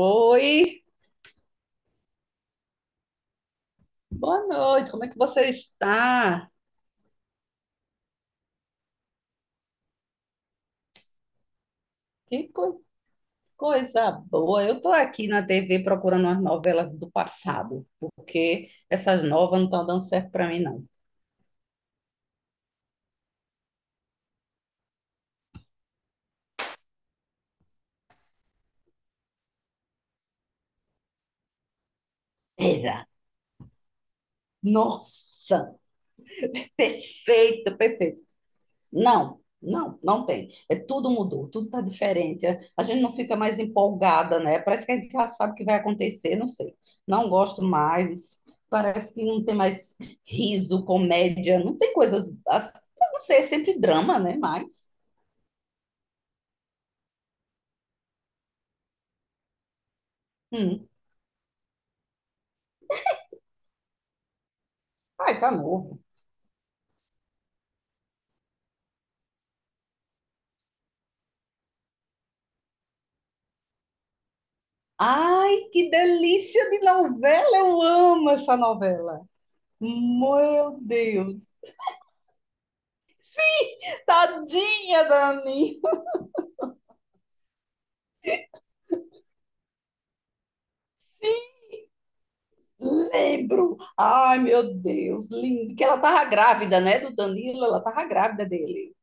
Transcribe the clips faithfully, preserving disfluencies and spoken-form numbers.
Oi, boa noite, como é que você está? Que co- Coisa boa! Eu estou aqui na T V procurando umas novelas do passado, porque essas novas não estão dando certo para mim, não. Eita, nossa, perfeito, perfeito. Não, não, não tem. É, tudo mudou, tudo está diferente. A a gente não fica mais empolgada, né? Parece que a gente já sabe o que vai acontecer, não sei. Não gosto mais. Parece que não tem mais riso, comédia, não tem coisas. as- eu Não sei, é sempre drama, né? Mas. Hum, ai, tá novo. Ai, que delícia de novela! Eu amo essa novela. Meu Deus! Tadinha, Dani! Lembro! Ai, meu Deus, lindo. Que ela tava grávida, né, do Danilo? Ela tava grávida dele.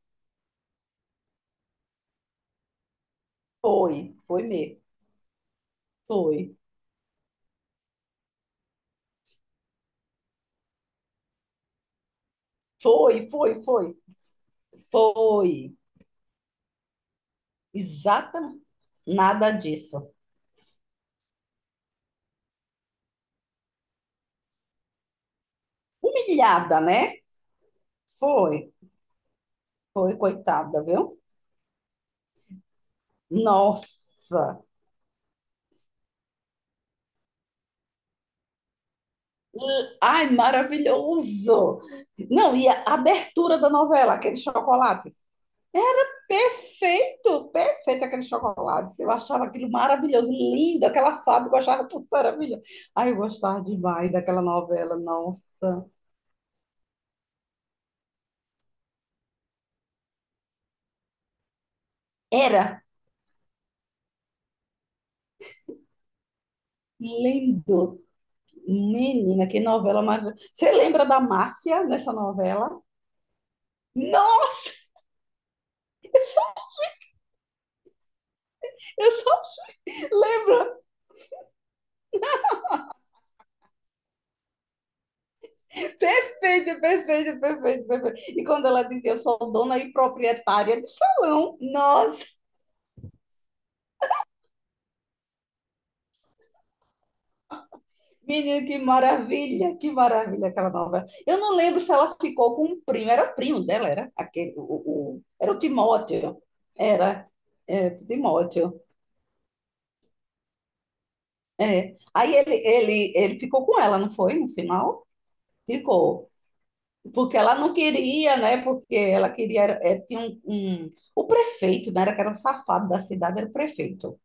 Foi, foi mesmo. Foi, foi, foi, foi. Foi. Exatamente. Nada disso. Humilhada, né? Foi, foi, coitada, viu? Nossa. L- Ai, maravilhoso. Não, e a abertura da novela, aquele chocolate. Perfeito, perfeito aquele chocolate. Eu achava aquilo maravilhoso, lindo, aquela fábrica, eu achava tudo maravilhoso. Ai, eu gostava demais daquela novela, nossa. Era lindo. Menina, que novela mais. Você lembra da Márcia nessa novela? Nossa, eu só lembro. Perfeito, perfeito, perfeito, perfeito. E quando ela dizia, eu sou dona e proprietária de salão. Nossa. Menino, que maravilha, que maravilha aquela novela. Eu não lembro se ela ficou com um primo, era primo dela, era aquele, o, o- era o Timóteo, era é, Timóteo. É. Aí ele, ele, ele ficou com ela, não foi? No final? Ficou. Porque ela não queria, né? Porque ela queria, era- é, tinha um, um- o prefeito, né? Era que era um safado da cidade, era o prefeito.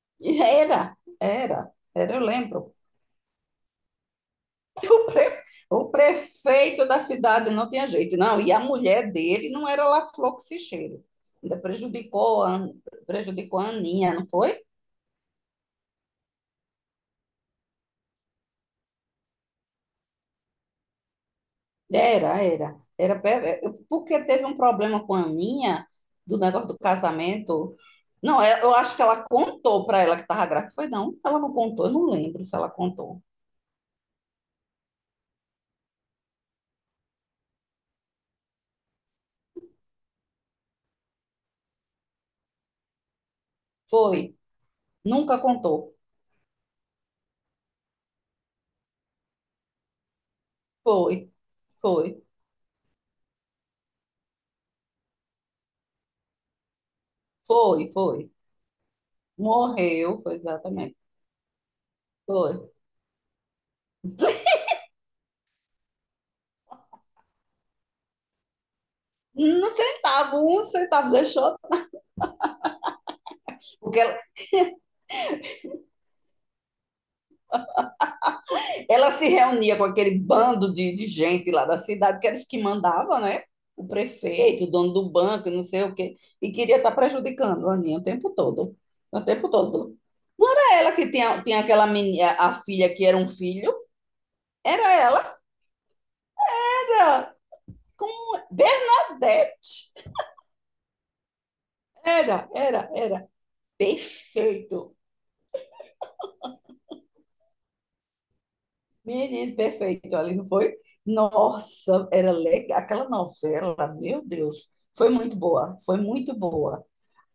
Era, era, era, eu lembro. O, pre- o prefeito da cidade não tinha jeito, não. E a mulher dele não era lá flor que se cheira. Ainda prejudicou a, Prejudicou a Aninha, não foi? Era, era. Era pe- é, porque teve um problema com a Aninha do negócio do casamento. Não, é- eu acho que ela contou para ela que estava grávida. Foi não, ela não contou, eu não lembro se ela contou. Foi, nunca contou. Foi, foi, foi, foi. Morreu, foi exatamente. Foi. Um centavo, um centavo deixou, porque ela, ela se reunia com aquele bando de, de gente lá da cidade, que eles que mandavam, né? O prefeito, o dono do banco, não sei o quê, e queria estar prejudicando a Aninha o tempo todo. O tempo todo. Não era ela que tinha, tinha aquela menina, a filha que era um filho, era ela, era com Bernadette. Era, era, era. Perfeito. Menino perfeito ali, não foi? Nossa, era legal. Aquela novela, meu Deus, foi muito boa, foi muito boa.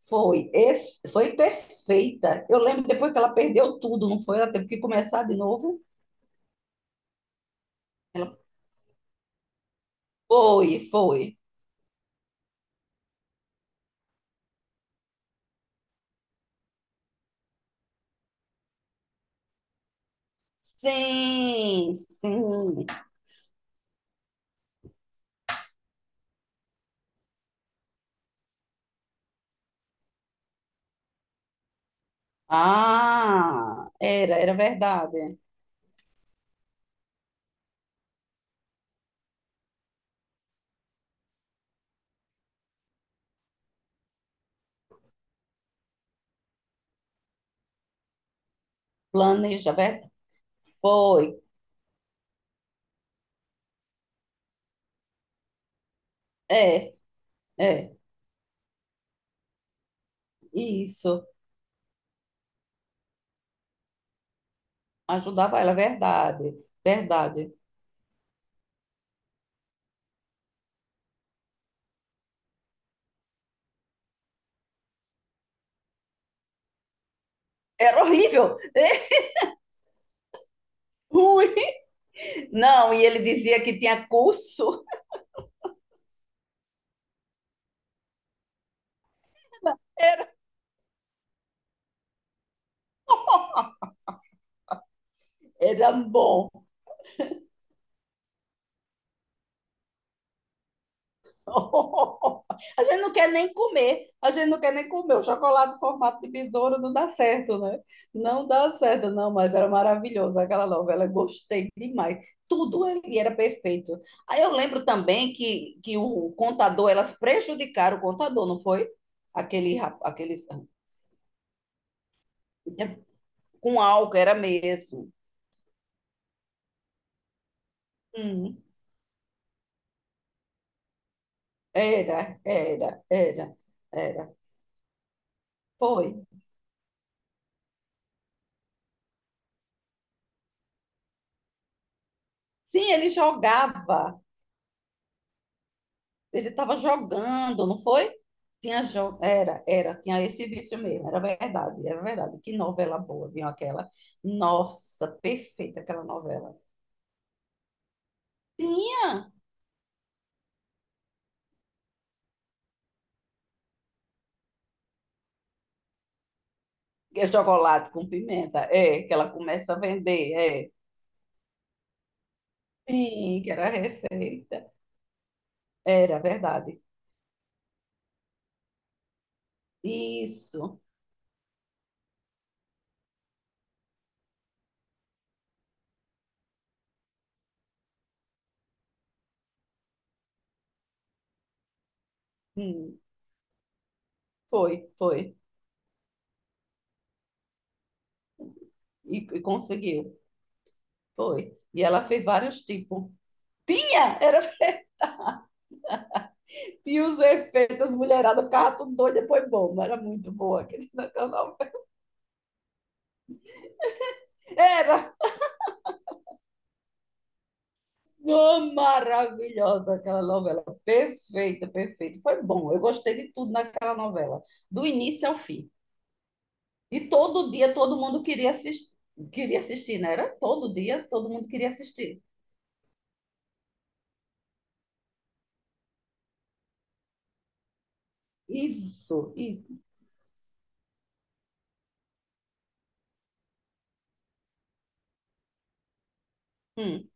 Foi, ex- foi perfeita. Eu lembro depois que ela perdeu tudo, não foi? Ela teve que começar de novo. Ela foi, foi. Sim, sim. Ah, era, era verdade. Planeja, ver- Foi. É, é, isso. Ajudava ela, é verdade, verdade. Era horrível. Ui! Não, e ele dizia que tinha curso. Era, era bom. A gente não quer nem comer, a gente não quer nem comer. O chocolate em formato de besouro não dá certo, né? Não dá certo, não, mas era maravilhoso aquela novela, gostei demais. Tudo ali era perfeito. Aí eu lembro também que, que o contador, elas prejudicaram o contador, não foi? Aquele, rap- aquele com álcool, era mesmo. Hum, era, era, era, era. Foi. Sim, ele jogava. Ele estava jogando, não foi? Tinha jo... Era, era, tinha esse vício mesmo, era verdade, era verdade. Que novela boa, viu aquela? Nossa, perfeita aquela novela. Tinha que é chocolate com pimenta, é, que ela começa a vender, é. Sim, que era a receita. Era verdade. Isso. Hum, foi, foi. E, e conseguiu. Foi. E ela fez vários tipos. Tinha! Era e os efeitos, as mulheradas ficavam tudo doida, foi bom, mas era muito boa aquela novela. Era uma maravilhosa aquela novela, perfeita, perfeita. Foi bom, eu gostei de tudo naquela novela, do início ao fim. E todo dia todo mundo queria assistir, queria assistir, né? Era todo dia todo mundo queria assistir. Isso, isso. Hum.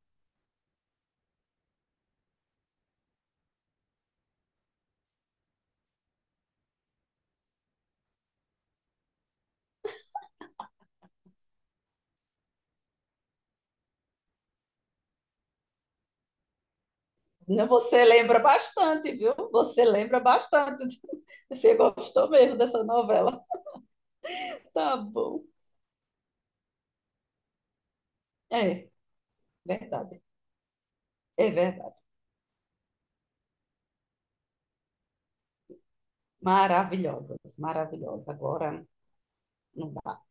Você lembra bastante, viu? Você lembra bastante. Você gostou mesmo dessa novela. Tá bom. É, verdade. É verdade. Maravilhosa, maravilhosa. Agora, não dá.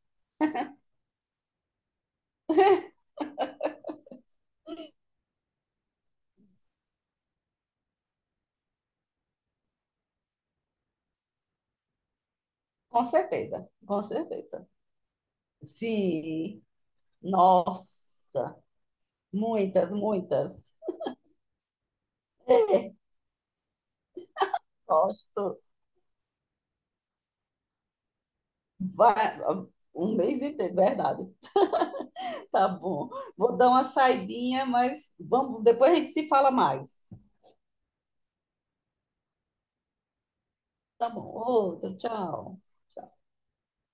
Com certeza, com certeza. Sim, nossa, muitas, muitas. É, gosto. Vai, um mês inteiro, verdade. Tá bom. Vou dar uma saidinha, mas vamos, depois a gente se fala mais. Tá bom, outro, tchau.